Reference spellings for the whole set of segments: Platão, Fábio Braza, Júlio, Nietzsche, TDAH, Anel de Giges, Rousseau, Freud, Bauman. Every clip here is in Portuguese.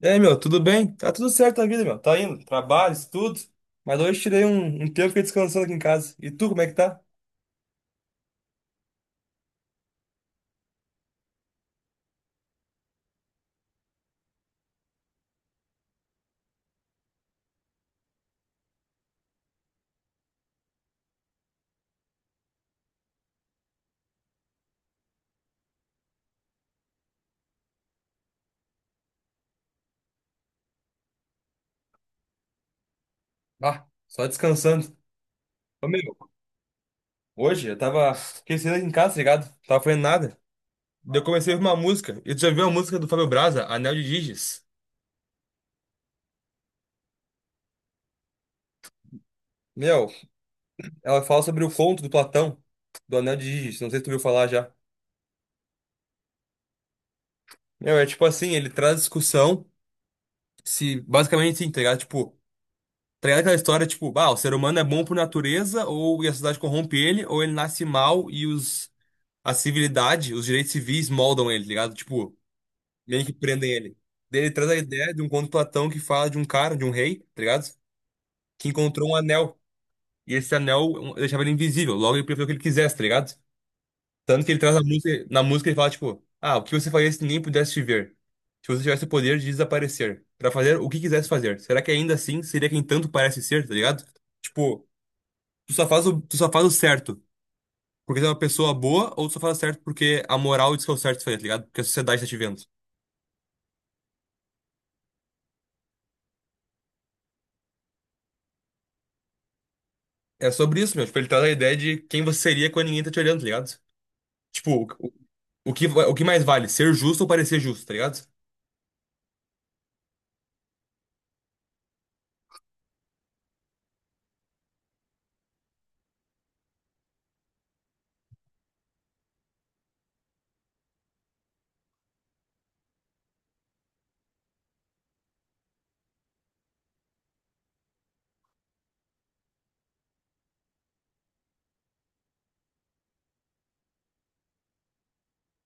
E aí, meu, tudo bem? Tá tudo certo a vida, meu. Tá indo, trabalho, estudo. Mas hoje tirei um tempo e fiquei descansando aqui em casa. E tu, como é que tá? Ah, só descansando. Ô, meu, hoje eu tava esquecendo aqui em casa, tá ligado? Não tava fazendo nada. Daí eu comecei a ouvir uma música. E tu já viu a música do Fábio Braza, Anel de Giges? Meu, ela fala sobre o conto do Platão, do Anel de Giges. Não sei se tu viu falar já. Meu, é tipo assim, ele traz discussão, se basicamente sim, tá ligado? Tipo, tá ligado aquela história, tipo, ah, o ser humano é bom por natureza, ou e a sociedade corrompe ele, ou ele nasce mal e os, a civilidade, os direitos civis moldam ele, tá ligado? Tipo, meio que prendem ele. Daí ele traz a ideia de um conto de Platão que fala de um cara, de um rei, tá ligado? Que encontrou um anel. E esse anel um, deixava ele invisível, logo ele preferiu o que ele quisesse, tá ligado? Tanto que ele traz a música, na música ele fala, tipo, ah, o que você faria se ninguém pudesse te ver? Se você tivesse o poder de desaparecer, pra fazer o que quisesse fazer, será que ainda assim seria quem tanto parece ser, tá ligado? Tipo. Tu só faz o certo porque tu é uma pessoa boa ou tu só faz o certo porque a moral diz que é o certo fazer, tá ligado? Porque a sociedade tá te vendo. É sobre isso, meu. Tipo, ele traz a ideia de quem você seria quando ninguém tá te olhando, tá ligado? Tipo, o, o o que mais vale? Ser justo ou parecer justo, tá ligado?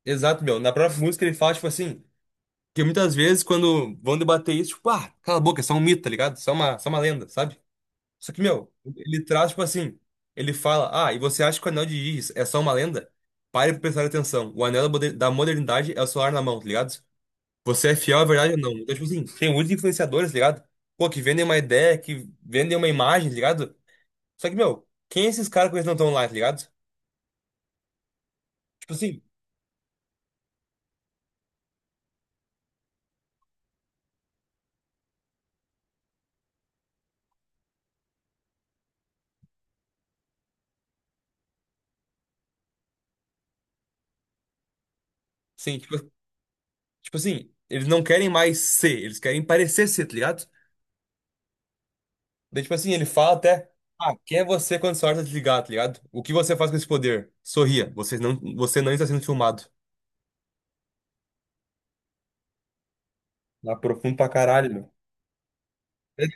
Exato, meu. Na própria música ele fala, tipo assim, que muitas vezes quando vão debater isso, tipo, ah, cala a boca, é só um mito, tá ligado? Só uma lenda, sabe? Só que, meu, ele traz, tipo assim, ele fala, ah, e você acha que o anel de Íris é só uma lenda? Pare pra prestar atenção. O anel da da modernidade é o celular na mão, tá ligado? Você é fiel à verdade ou não? Então, tipo assim, tem muitos influenciadores, tá ligado? Pô, que vendem uma ideia, que vendem uma imagem, tá ligado? Só que, meu, quem é esses caras que eles não estão lá, tá ligado? Tipo assim, sim, tipo, tipo assim, eles não querem mais ser, eles querem parecer ser, tá ligado? Daí, tipo assim, ele fala até, ah, quem é você quando sua hora tá de ligar, tá ligado? O que você faz com esse poder? Sorria, você não está sendo filmado. Na profundo pra caralho, meu. É,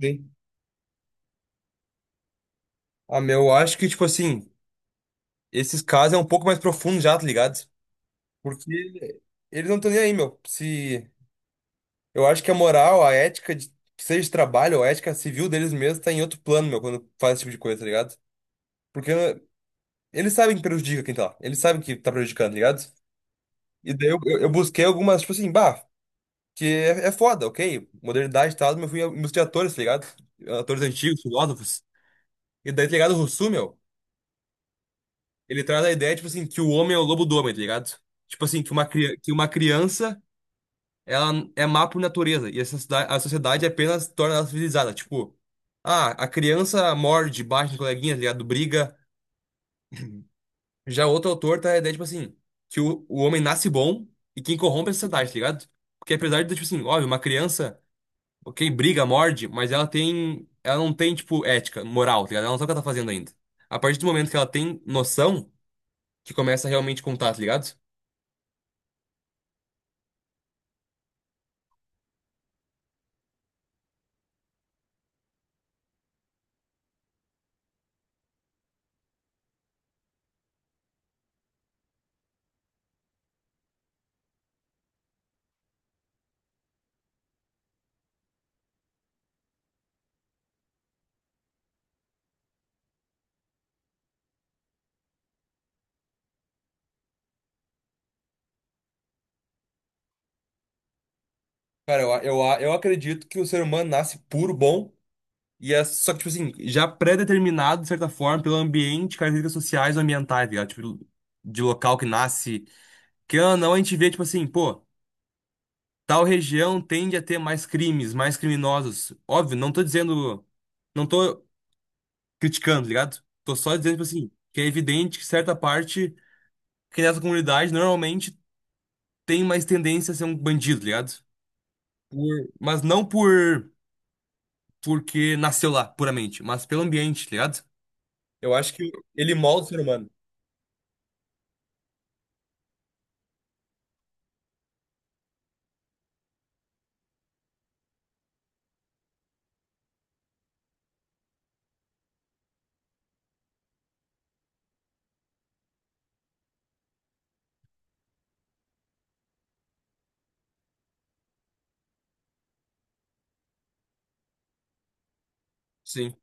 sim. Ah, meu, eu acho que, tipo assim, esses casos é um pouco mais profundo já, tá ligado? Porque eles não estão nem aí, meu. Se, eu acho que a moral, a ética, de, que seja de trabalho, ou a ética civil deles mesmos, tá em outro plano, meu, quando faz esse tipo de coisa, tá ligado? Porque eles sabem que prejudica quem tá lá. Eles sabem que tá prejudicando, tá ligado? E daí eu busquei algumas, tipo assim, bah, que é foda, ok? Modernidade e tal, mas eu fui música de atores, tá ligado? Atores antigos, filósofos. E daí, tá ligado? O Rousseau, meu, ele traz a ideia, tipo assim, que o homem é o lobo do homem, tá ligado? Tipo assim, que uma, que uma criança, ela é má por natureza. E a sociedade apenas torna ela civilizada. Tipo, ah, a criança morde, bate no coleguinha, tá ligado? Briga. Já outro autor traz a ideia, tipo assim, que o homem nasce bom e quem corrompe é a sociedade, tá ligado? Porque apesar de, tipo assim, óbvio, uma criança. Ok, briga, morde, mas ela tem. Ela não tem, tipo, ética, moral, tá ligado? Ela não sabe o que ela tá fazendo ainda. A partir do momento que ela tem noção, que começa a realmente contar, tá ligado? Cara, eu acredito que o ser humano nasce puro, bom, e é só que, tipo assim, já pré-determinado, de certa forma, pelo ambiente, características sociais ou ambientais, tá ligado? Tipo, de local que nasce. Que ou não, a gente vê, tipo assim, pô. Tal região tende a ter mais crimes, mais criminosos. Óbvio, não tô criticando, tá ligado? Tô só dizendo, tipo assim, que é evidente que certa parte, que nessa comunidade normalmente tem mais tendência a ser um bandido, tá ligado? Mas não porque nasceu lá, puramente, mas pelo ambiente, tá ligado? Eu acho que ele molda o ser humano. Sim,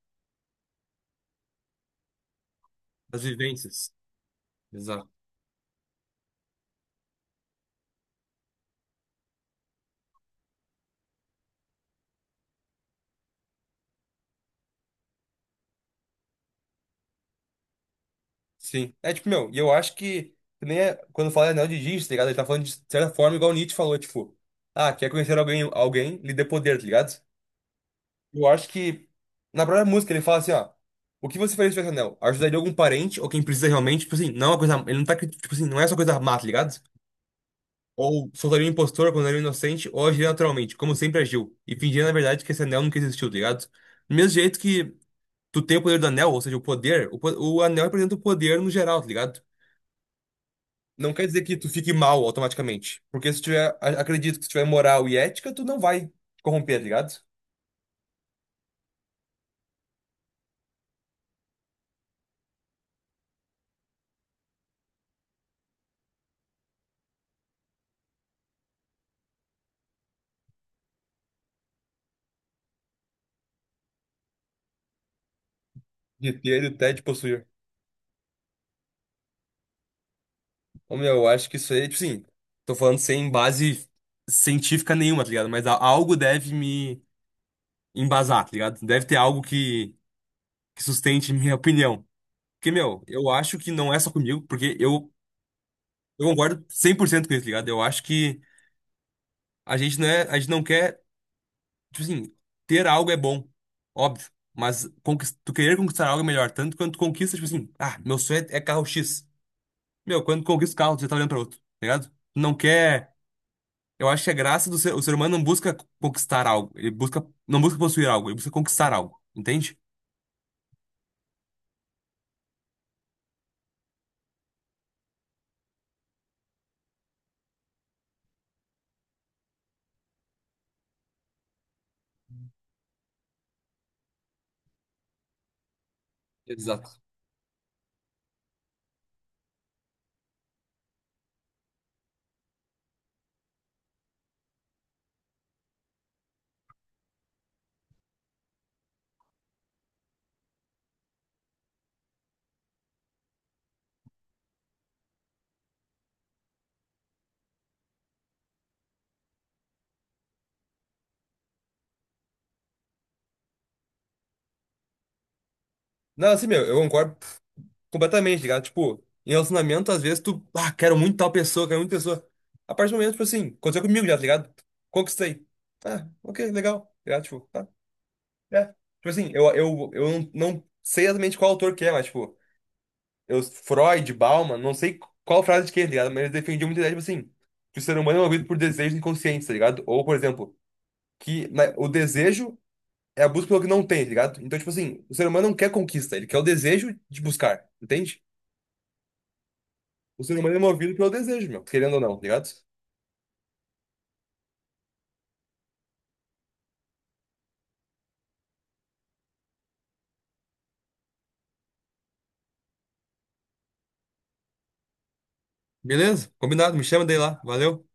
as vivências. Exato. Sim. É tipo, meu, e eu acho que nem é, quando fala anel de Giges, tá ligado? Ele tá falando de certa forma igual Nietzsche falou, tipo, ah, quer conhecer alguém, lhe dê poder, tá ligado? Eu acho que na própria música ele fala assim, ó, o que você faria se tivesse anel? Ajudaria algum parente ou quem precisa realmente, tipo assim, não é uma coisa, ele não tá, tipo assim, não é só coisa má, tá ligado? Ou soltaria um impostor quando era inocente, ou agiria naturalmente, como sempre agiu, e fingia na verdade que esse anel nunca existiu, tá ligado? Do mesmo jeito que tu tem o poder do anel, ou seja, o poder, o anel representa o poder no geral, tá ligado? Não quer dizer que tu fique mal automaticamente. Porque se tiver, acredito que se tiver moral e ética, tu não vai te corromper, tá ligado? De ter e até de possuir. Ô, meu, eu acho que isso aí, tipo assim, tô falando sem base científica nenhuma, tá ligado? Mas algo deve me embasar, tá ligado? Deve ter algo que sustente minha opinião. Porque, meu, eu acho que não é só comigo, porque eu concordo 100% com isso, tá ligado? Eu acho que a gente não é, a gente não quer tipo assim, ter algo é bom, óbvio. Mas tu querer conquistar algo é melhor. Tanto quando tu conquista, tipo assim, ah, meu sonho é carro X. Meu, quando tu conquista o carro, tu já tá olhando pra outro, tá ligado? Tu não quer. Eu acho que a graça do ser, o ser humano não busca conquistar algo. Ele busca, não busca possuir algo, ele busca conquistar algo. Entende? Exato. Não, assim, meu, eu concordo completamente, tá ligado? Tipo, em relacionamento, às vezes tu, ah, quero muito tal pessoa, quero muito pessoa. A partir do momento, tipo assim, aconteceu comigo já, tá ligado? Conquistei. Ah, ok, legal. Tá ligado? Tipo, tá. É. Tipo assim, eu não sei exatamente qual autor que é, mas, tipo, eu, Freud, Bauman, não sei qual frase de quem, tá ligado? Mas eles defendiam muito a ideia, tipo assim, que o ser humano é movido por desejos inconscientes, tá ligado? Ou, por exemplo, que na- o desejo é a busca pelo que não tem, tá ligado? Então, tipo assim, o ser humano não quer conquista, ele quer o desejo de buscar, entende? O ser humano é movido pelo desejo, meu, querendo ou não, tá ligado? Beleza? Combinado, me chama daí lá. Valeu.